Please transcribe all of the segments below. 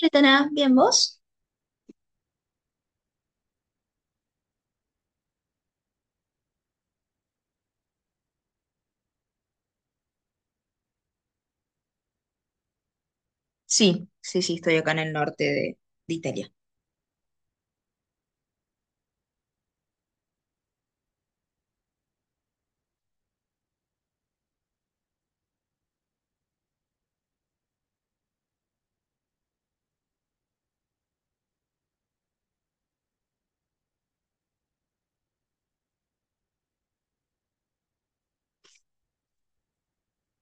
Retana, ¿bien vos? Sí, sí, sí, estoy acá en el norte de Italia.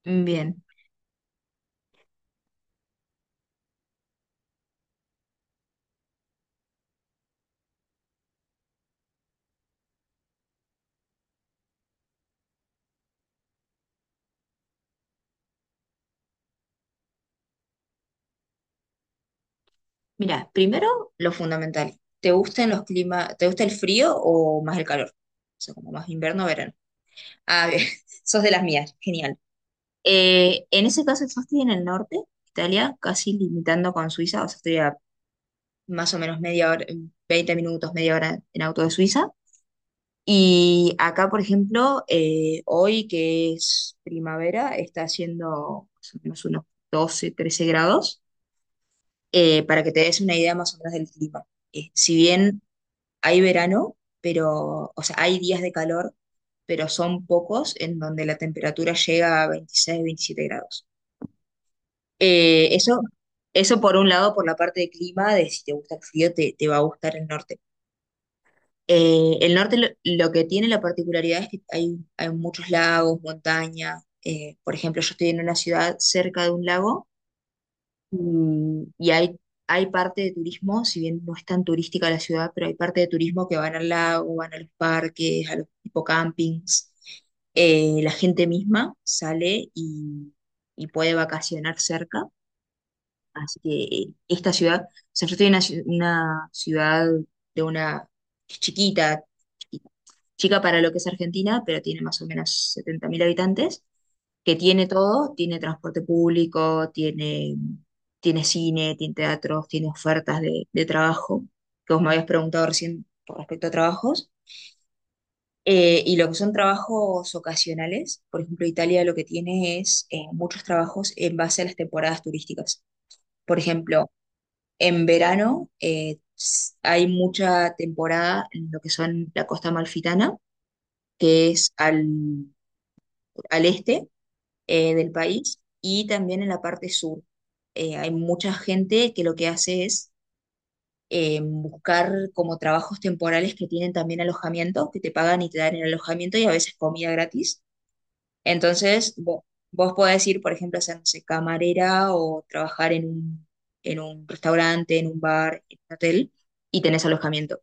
Bien. Mira, primero lo fundamental. ¿Te gustan los climas? ¿Te gusta el frío o más el calor? O sea, como más invierno o verano. Ah, bien. Sos de las mías. Genial. En ese caso, yo estoy en el norte de Italia, casi limitando con Suiza. O sea, estoy a más o menos media hora, 20 minutos, media hora en auto de Suiza. Y acá, por ejemplo, hoy que es primavera, está haciendo más o menos unos 12 13 grados, para que te des una idea más o menos del clima. Si bien hay verano, pero, o sea, hay días de calor, pero son pocos en donde la temperatura llega a 26 27 grados. Eh, eso, Eso por un lado, por la parte de clima, de si te gusta el frío, te va a gustar el norte. El norte lo que tiene la particularidad es que hay muchos lagos, montañas. Por ejemplo, yo estoy en una ciudad cerca de un lago y, y hay parte de turismo, si bien no es tan turística la ciudad, pero hay parte de turismo que van al lago, van a los parques, a los tipo campings. La gente misma sale y puede vacacionar cerca. Así que esta ciudad, o sea, yo estoy en una ciudad de una que es chiquita, chica para lo que es Argentina, pero tiene más o menos 70.000 habitantes, que tiene todo, tiene transporte público, tiene cine, tiene teatros, tiene ofertas de trabajo, que vos me habías preguntado recién con respecto a trabajos. Y lo que son trabajos ocasionales, por ejemplo, Italia lo que tiene es muchos trabajos en base a las temporadas turísticas. Por ejemplo, en verano hay mucha temporada en lo que son la costa amalfitana, que es al este del país y también en la parte sur. Hay mucha gente que lo que hace es buscar como trabajos temporales que tienen también alojamiento, que te pagan y te dan el alojamiento y a veces comida gratis. Entonces, vos podés ir, por ejemplo, a ser, no sé, camarera o trabajar en un restaurante, en un bar, en un hotel y tenés alojamiento.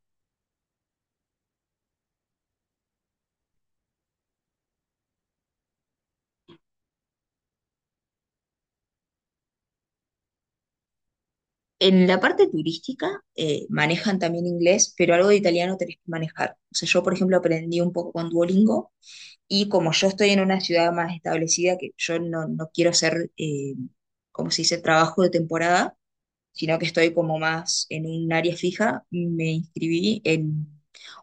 En la parte turística manejan también inglés, pero algo de italiano tenés que manejar. O sea, yo, por ejemplo, aprendí un poco con Duolingo. Y como yo estoy en una ciudad más establecida, que yo no quiero hacer como se dice, trabajo de temporada, sino que estoy como más en un área fija, me inscribí en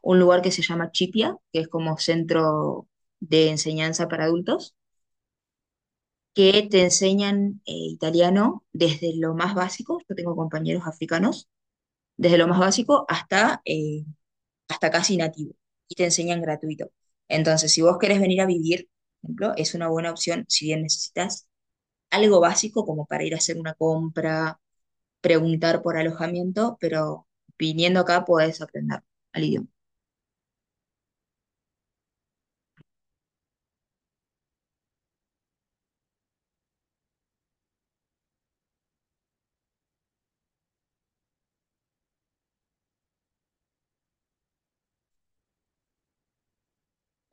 un lugar que se llama Chipia, que es como centro de enseñanza para adultos, que te enseñan italiano desde lo más básico, yo tengo compañeros africanos, desde lo más básico hasta casi nativo y te enseñan gratuito. Entonces, si vos querés venir a vivir, por ejemplo, es una buena opción si bien necesitas algo básico como para ir a hacer una compra, preguntar por alojamiento, pero viniendo acá podés aprender al idioma.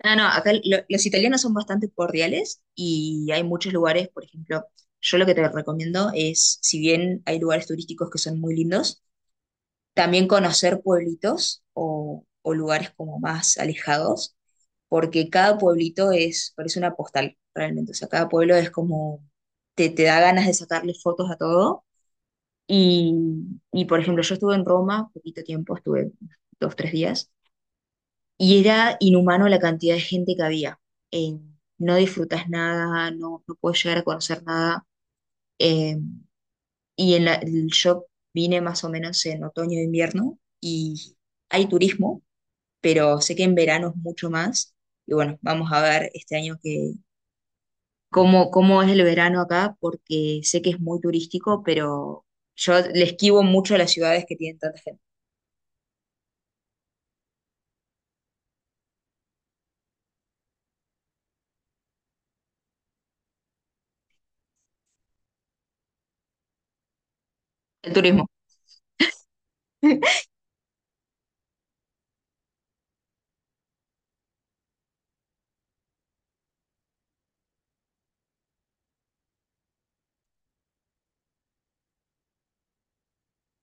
Ah, no, acá los italianos son bastante cordiales y hay muchos lugares, por ejemplo, yo lo que te recomiendo es, si bien hay lugares turísticos que son muy lindos, también conocer pueblitos o lugares como más alejados porque cada pueblito es, parece una postal realmente, o sea, cada pueblo es como, te da ganas de sacarle fotos a todo. Y, y, por ejemplo, yo estuve en Roma poquito tiempo, estuve 2, 3 días, y era inhumano la cantidad de gente que había. Eh, no disfrutas nada, no puedes llegar a conocer nada. eh, yo vine más o menos en otoño e invierno y hay turismo, pero sé que en verano es mucho más. Y bueno, vamos a ver este año cómo es el verano acá, porque sé que es muy turístico, pero yo le esquivo mucho a las ciudades que tienen tanta gente. El turismo.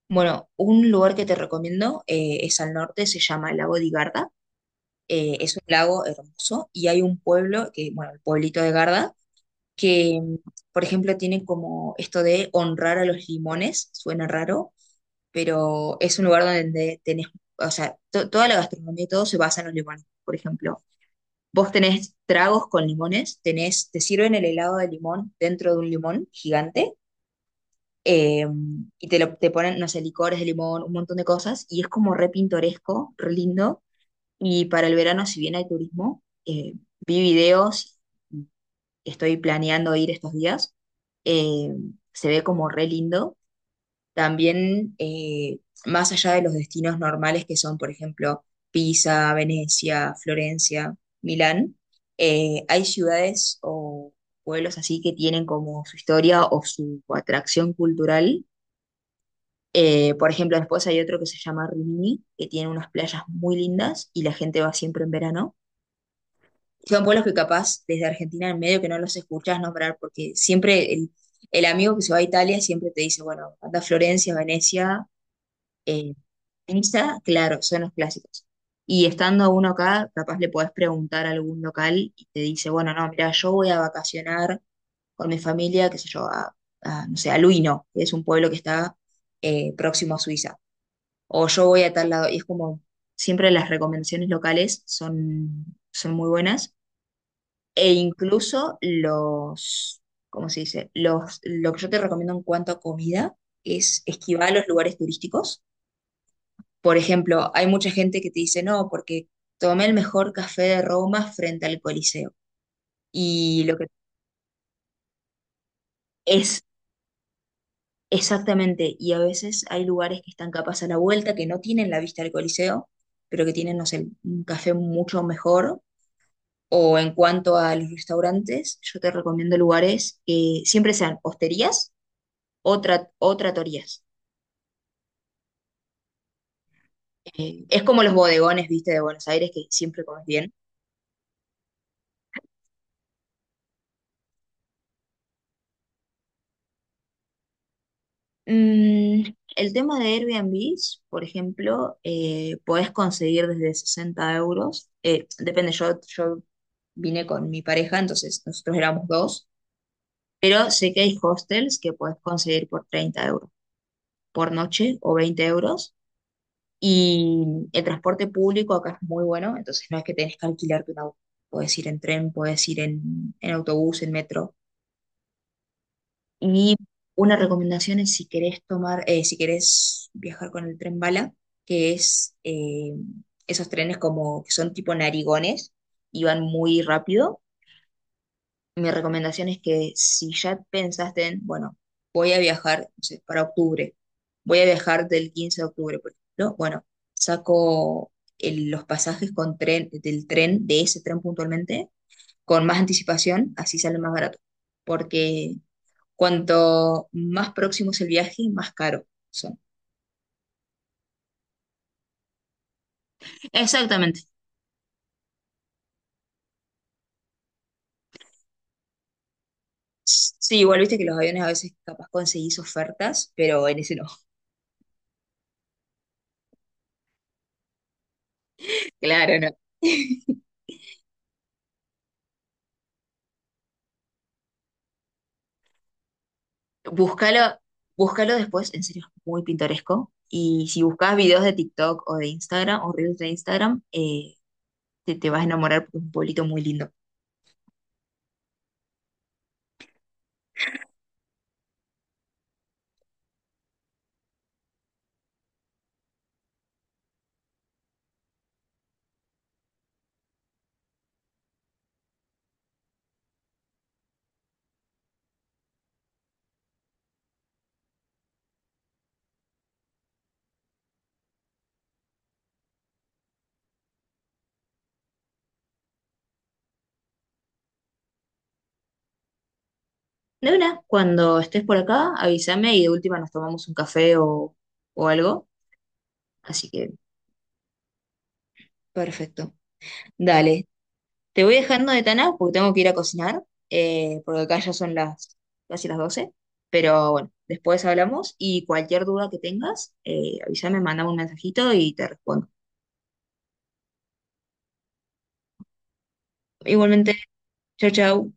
Bueno, un lugar que te recomiendo es al norte, se llama el lago de Garda. Es un lago hermoso y hay un pueblo, que, bueno, el pueblito de Garda, que, por ejemplo, tiene como esto de honrar a los limones, suena raro, pero es un lugar donde tenés, o sea, toda la gastronomía y todo se basa en los limones. Por ejemplo, vos tenés tragos con limones, tenés, te sirven el helado de limón dentro de un limón gigante eh, y te ponen, no sé, licores de limón, un montón de cosas y es como re pintoresco, re lindo. Y para el verano, si bien hay turismo, vi videos, estoy planeando ir estos días, eh, se ve como re lindo también, más allá de los destinos normales que son, por ejemplo, Pisa, Venecia, Florencia, Milán, hay ciudades o pueblos así que tienen como su historia o su atracción cultural. Por ejemplo, después hay otro que se llama Rimini, que tiene unas playas muy lindas y la gente va siempre en verano. Son pueblos que capaz desde Argentina en medio que no los escuchas nombrar, porque siempre el amigo que se va a Italia siempre te dice, bueno, anda a Florencia, Venecia, eh, esa, claro, son los clásicos. Y estando uno acá, capaz le podés preguntar a algún local y te dice, bueno, no, mira, yo voy a vacacionar con mi familia, qué sé yo, a, no sé, a Luino, que es un pueblo que está próximo a Suiza. O yo voy a tal lado. Y es como, siempre las recomendaciones locales son muy buenas. E incluso los, ¿cómo se dice? Lo que yo te recomiendo en cuanto a comida es esquivar los lugares turísticos. Por ejemplo, hay mucha gente que te dice, no, porque tomé el mejor café de Roma frente al Coliseo. Y lo que es exactamente, y a veces hay lugares que están capaz a la vuelta, que no tienen la vista del Coliseo, pero que tienen, no sé, un café mucho mejor. O en cuanto a los restaurantes, yo te recomiendo lugares que siempre sean hosterías o tratorías. Es como los bodegones, viste, de Buenos Aires, que siempre comes bien. Mm, el tema de Airbnb, por ejemplo, podés conseguir desde 60 euros. Depende, yo vine con mi pareja, entonces nosotros éramos dos, pero sé que hay hostels que podés conseguir por 30 euros por noche o 20 euros. Y el transporte público acá es muy bueno, entonces no es que tenés que alquilarte un auto. Podés ir en tren, podés ir en autobús, en metro. Y una recomendación es si querés tomar, si querés viajar con el tren bala, que es esos trenes como que son tipo narigones y van muy rápido. Mi recomendación es que si ya pensaste en, bueno, voy a viajar, no sé, para octubre, voy a viajar del 15 de octubre, por ejemplo, bueno, saco los pasajes con tren, del tren, de ese tren puntualmente, con más anticipación, así sale más barato. Porque cuanto más próximo es el viaje, más caro son. Exactamente. Sí, igual viste que los aviones a veces capaz conseguís ofertas, pero en ese no. Claro, no. Búscalo, búscalo después, en serio, es muy pintoresco. Y si buscas videos de TikTok o de Instagram o reels de Instagram, te vas a enamorar porque es un pueblito muy lindo. De una, cuando estés por acá, avísame y de última nos tomamos un café o algo. Así que perfecto. Dale, te voy dejando de Tana porque tengo que ir a cocinar, porque acá ya son las casi las 12. Pero bueno, después hablamos y cualquier duda que tengas, avísame, mandame un mensajito y te respondo. Igualmente, chau, chau.